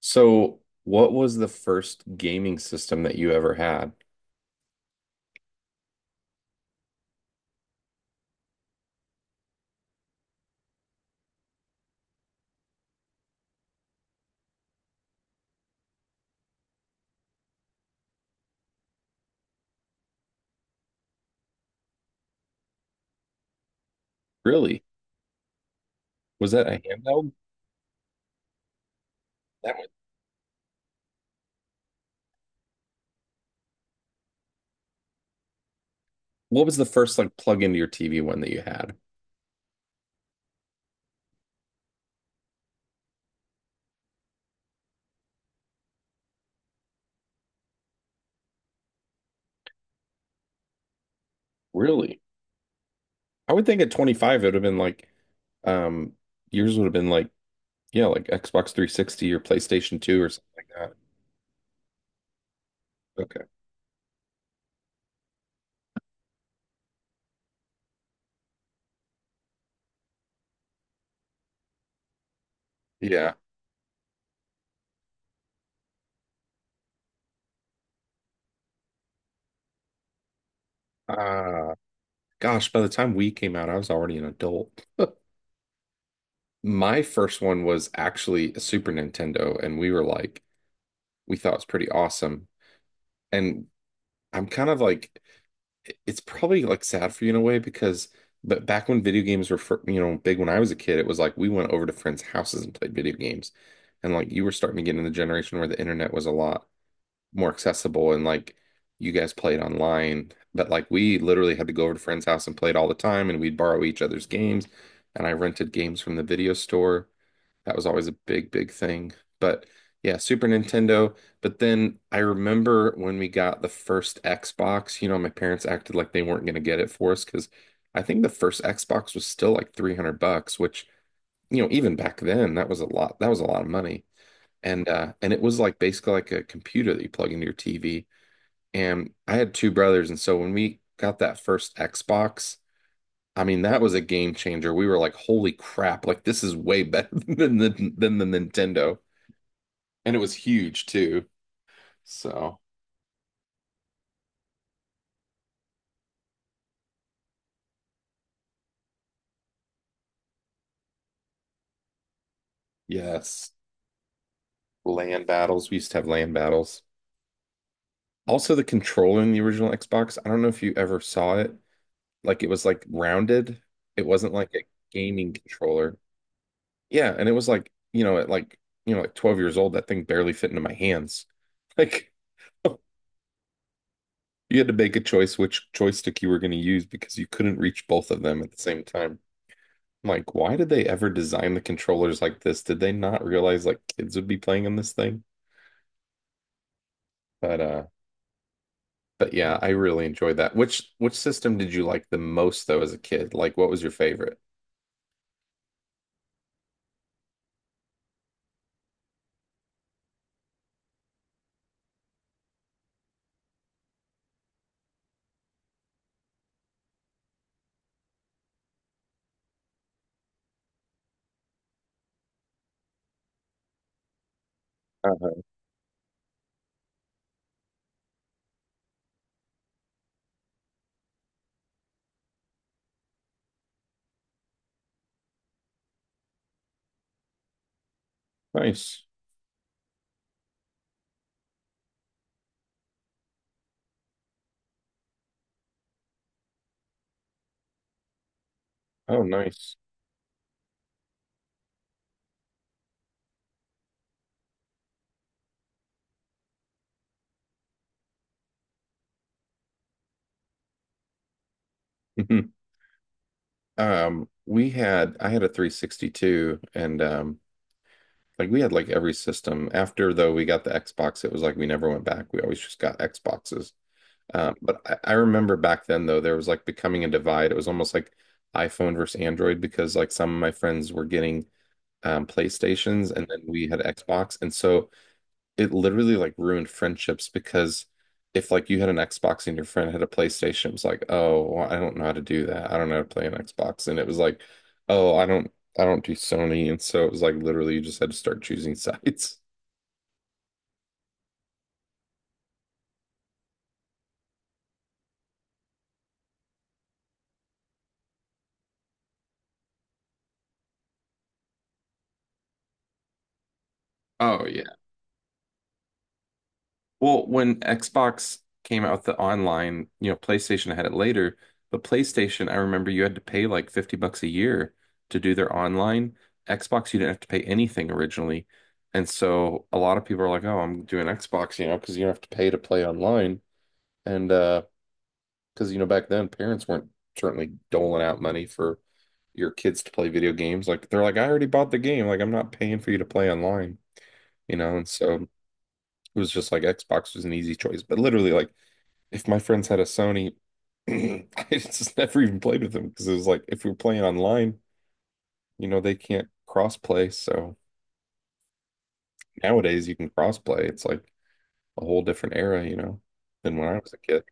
So, what was the first gaming system that you ever had? Really? Was that a handheld? That one. What was the first like plug into your TV one that you had? Really? I would think at 25 it would have been like um yours would have been like, yeah, like Xbox 360 or PlayStation 2 or something like that. Okay. Yeah. Uh gosh, by the time we came out, I was already an adult. My first one was actually a Super Nintendo, and we were like we thought it was pretty awesome. And I'm kind of like it's probably like sad for you in a way because but back when video games were big, when I was a kid it was like we went over to friends' houses and played video games, and like you were starting to get in the generation where the internet was a lot more accessible and like you guys played online, but like we literally had to go over to friends' house and played all the time, and we'd borrow each other's games, and I rented games from the video store. That was always a big, big thing. But yeah, Super Nintendo. But then I remember when we got the first Xbox, my parents acted like they weren't going to get it for us because I think the first Xbox was still like 300 bucks, which, even back then, that was a lot. That was a lot of money. And it was like basically like a computer that you plug into your TV. And I had two brothers, and so when we got that first Xbox, I mean, that was a game changer. We were like, "Holy crap! Like this is way better than the Nintendo." And it was huge too. So, yes, land battles. We used to have land battles. Also, the controller in the original Xbox. I don't know if you ever saw it. Like it was like rounded. It wasn't like a gaming controller. Yeah, and it was like, you know, at like like 12 years old, that thing barely fit into my hands. Like you had to make a choice which joystick you were going to use because you couldn't reach both of them at the same time. I'm like, why did they ever design the controllers like this? Did they not realize like kids would be playing on this thing? But uh but yeah, I really enjoyed that. Which system did you like the most though as a kid? Like what was your favorite? uh Nice. Oh, nice. Mhm. We had I had a 362 and like we had like every system. After though we got the Xbox, it was like we never went back. We always just got Xboxes. But I remember back then though there was like becoming a divide. It was almost like iPhone versus Android because like some of my friends were getting PlayStations and then we had Xbox. And so it literally like ruined friendships because if like you had an Xbox and your friend had a PlayStation, it was like, oh, well, I don't know how to do that. I don't know how to play an Xbox. And it was like, oh, I don't do Sony. And so it was like literally you just had to start choosing sides. Oh yeah. Well, when Xbox came out with the online, you know, PlayStation had it later, but PlayStation, I remember you had to pay like 50 bucks a year to do their online. Xbox, you didn't have to pay anything originally. And so a lot of people are like, oh, I'm doing Xbox, you know, because you don't have to pay to play online. And because, back then parents weren't certainly doling out money for your kids to play video games. Like they're like, I already bought the game. Like I'm not paying for you to play online, you know? And so it was just like Xbox was an easy choice, but literally like if my friends had a Sony, I just never even played with them because it was like if we were playing online, they can't cross play. So nowadays you can cross play. It's like a whole different era, than when I was a kid.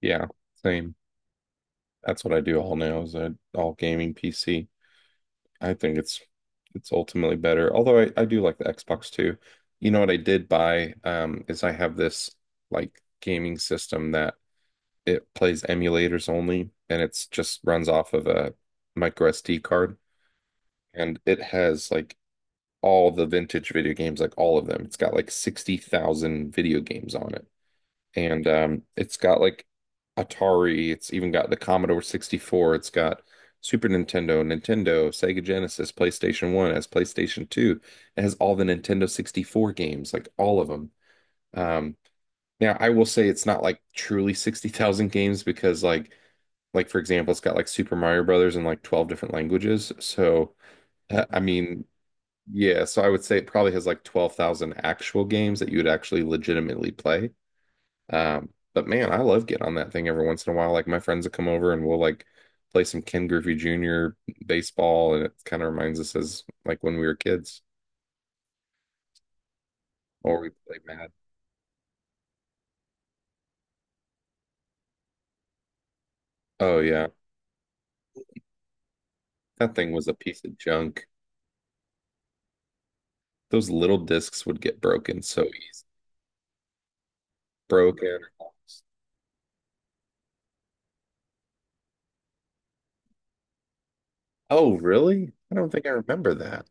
Yeah, same. That's what I do all now is I all gaming PC. I think it's ultimately better. Although I do like the Xbox too. You know what I did buy is I have this like gaming system that It plays emulators only, and it's just runs off of a micro SD card. And it has like all the vintage video games, like all of them. It's got like 60,000 video games on it. And it's got like Atari, it's even got the Commodore 64, it's got Super Nintendo, Nintendo, Sega Genesis, PlayStation 1, it has PlayStation 2. It has all the Nintendo 64 games, like all of them. Um, now, I will say it's not like truly 60,000 games because like for example, it's got like Super Mario Brothers in like 12 different languages. So I mean, yeah, so I would say it probably has like 12,000 actual games that you would actually legitimately play. But man, I love getting on that thing every once in a while. Like my friends will come over and we'll like play some Ken Griffey Jr. baseball, and it kind of reminds us as like when we were kids. Or we played Mad. Oh yeah. That thing was a piece of junk. Those little discs would get broken so easy. Broken. Oh, really? I don't think I remember that.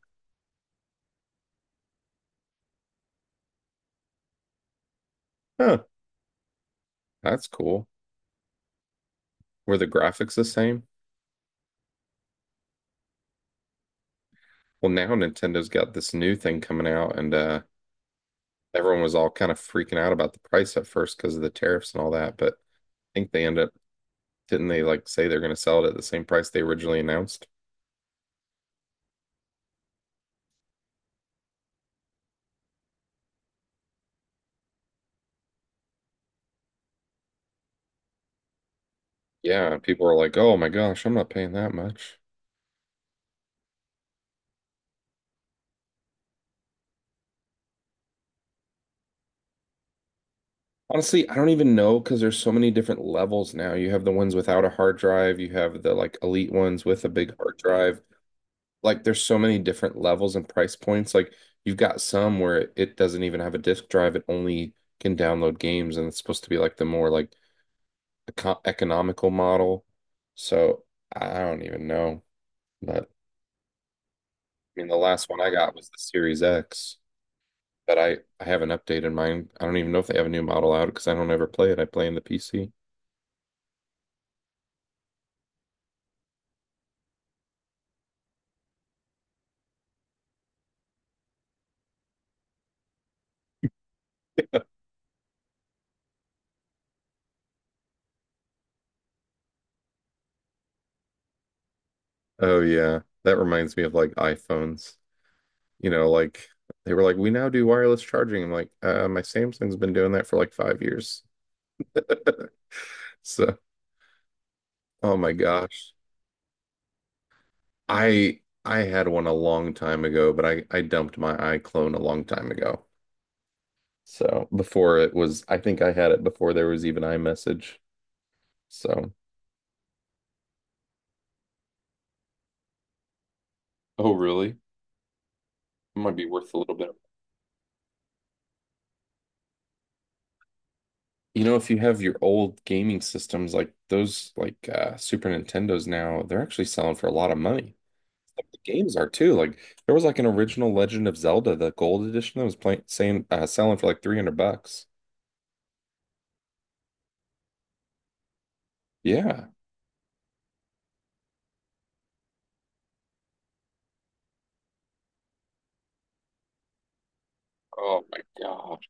Huh, that's cool. Were the graphics the same? Well, now Nintendo's got this new thing coming out, and everyone was all kind of freaking out about the price at first because of the tariffs and all that. But I think they end up, didn't they like say they're going to sell it at the same price they originally announced? Yeah, people are like, oh my gosh, I'm not paying that much. Honestly, I don't even know because there's so many different levels now. You have the ones without a hard drive, you have the like elite ones with a big hard drive. Like there's so many different levels and price points. Like you've got some where it doesn't even have a disk drive, it only can download games, and it's supposed to be like the more like eco economical model. So I don't even know. But I mean, the last one I got was the Series X, but I haven't updated mine. I don't even know if they have a new model out because I don't ever play it. I play in the PC. Oh yeah, that reminds me of like iPhones. Like they were like, we now do wireless charging. I'm like, my Samsung's been doing that for like 5 years. So, oh my gosh. I had one a long time ago, but I dumped my iClone a long time ago. So, before it was, I think I had it before there was even iMessage. So. Oh, really? It might be worth a little bit. If you have your old gaming systems like those, like Super Nintendos now, they're actually selling for a lot of money. The games are too. Like there was like an original Legend of Zelda, the gold edition that was playing saying selling for like 300 bucks. Yeah. Oh my gosh.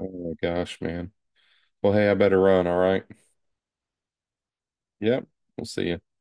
Oh my gosh, man. Well, hey, I better run, all right? Yep. We'll see you.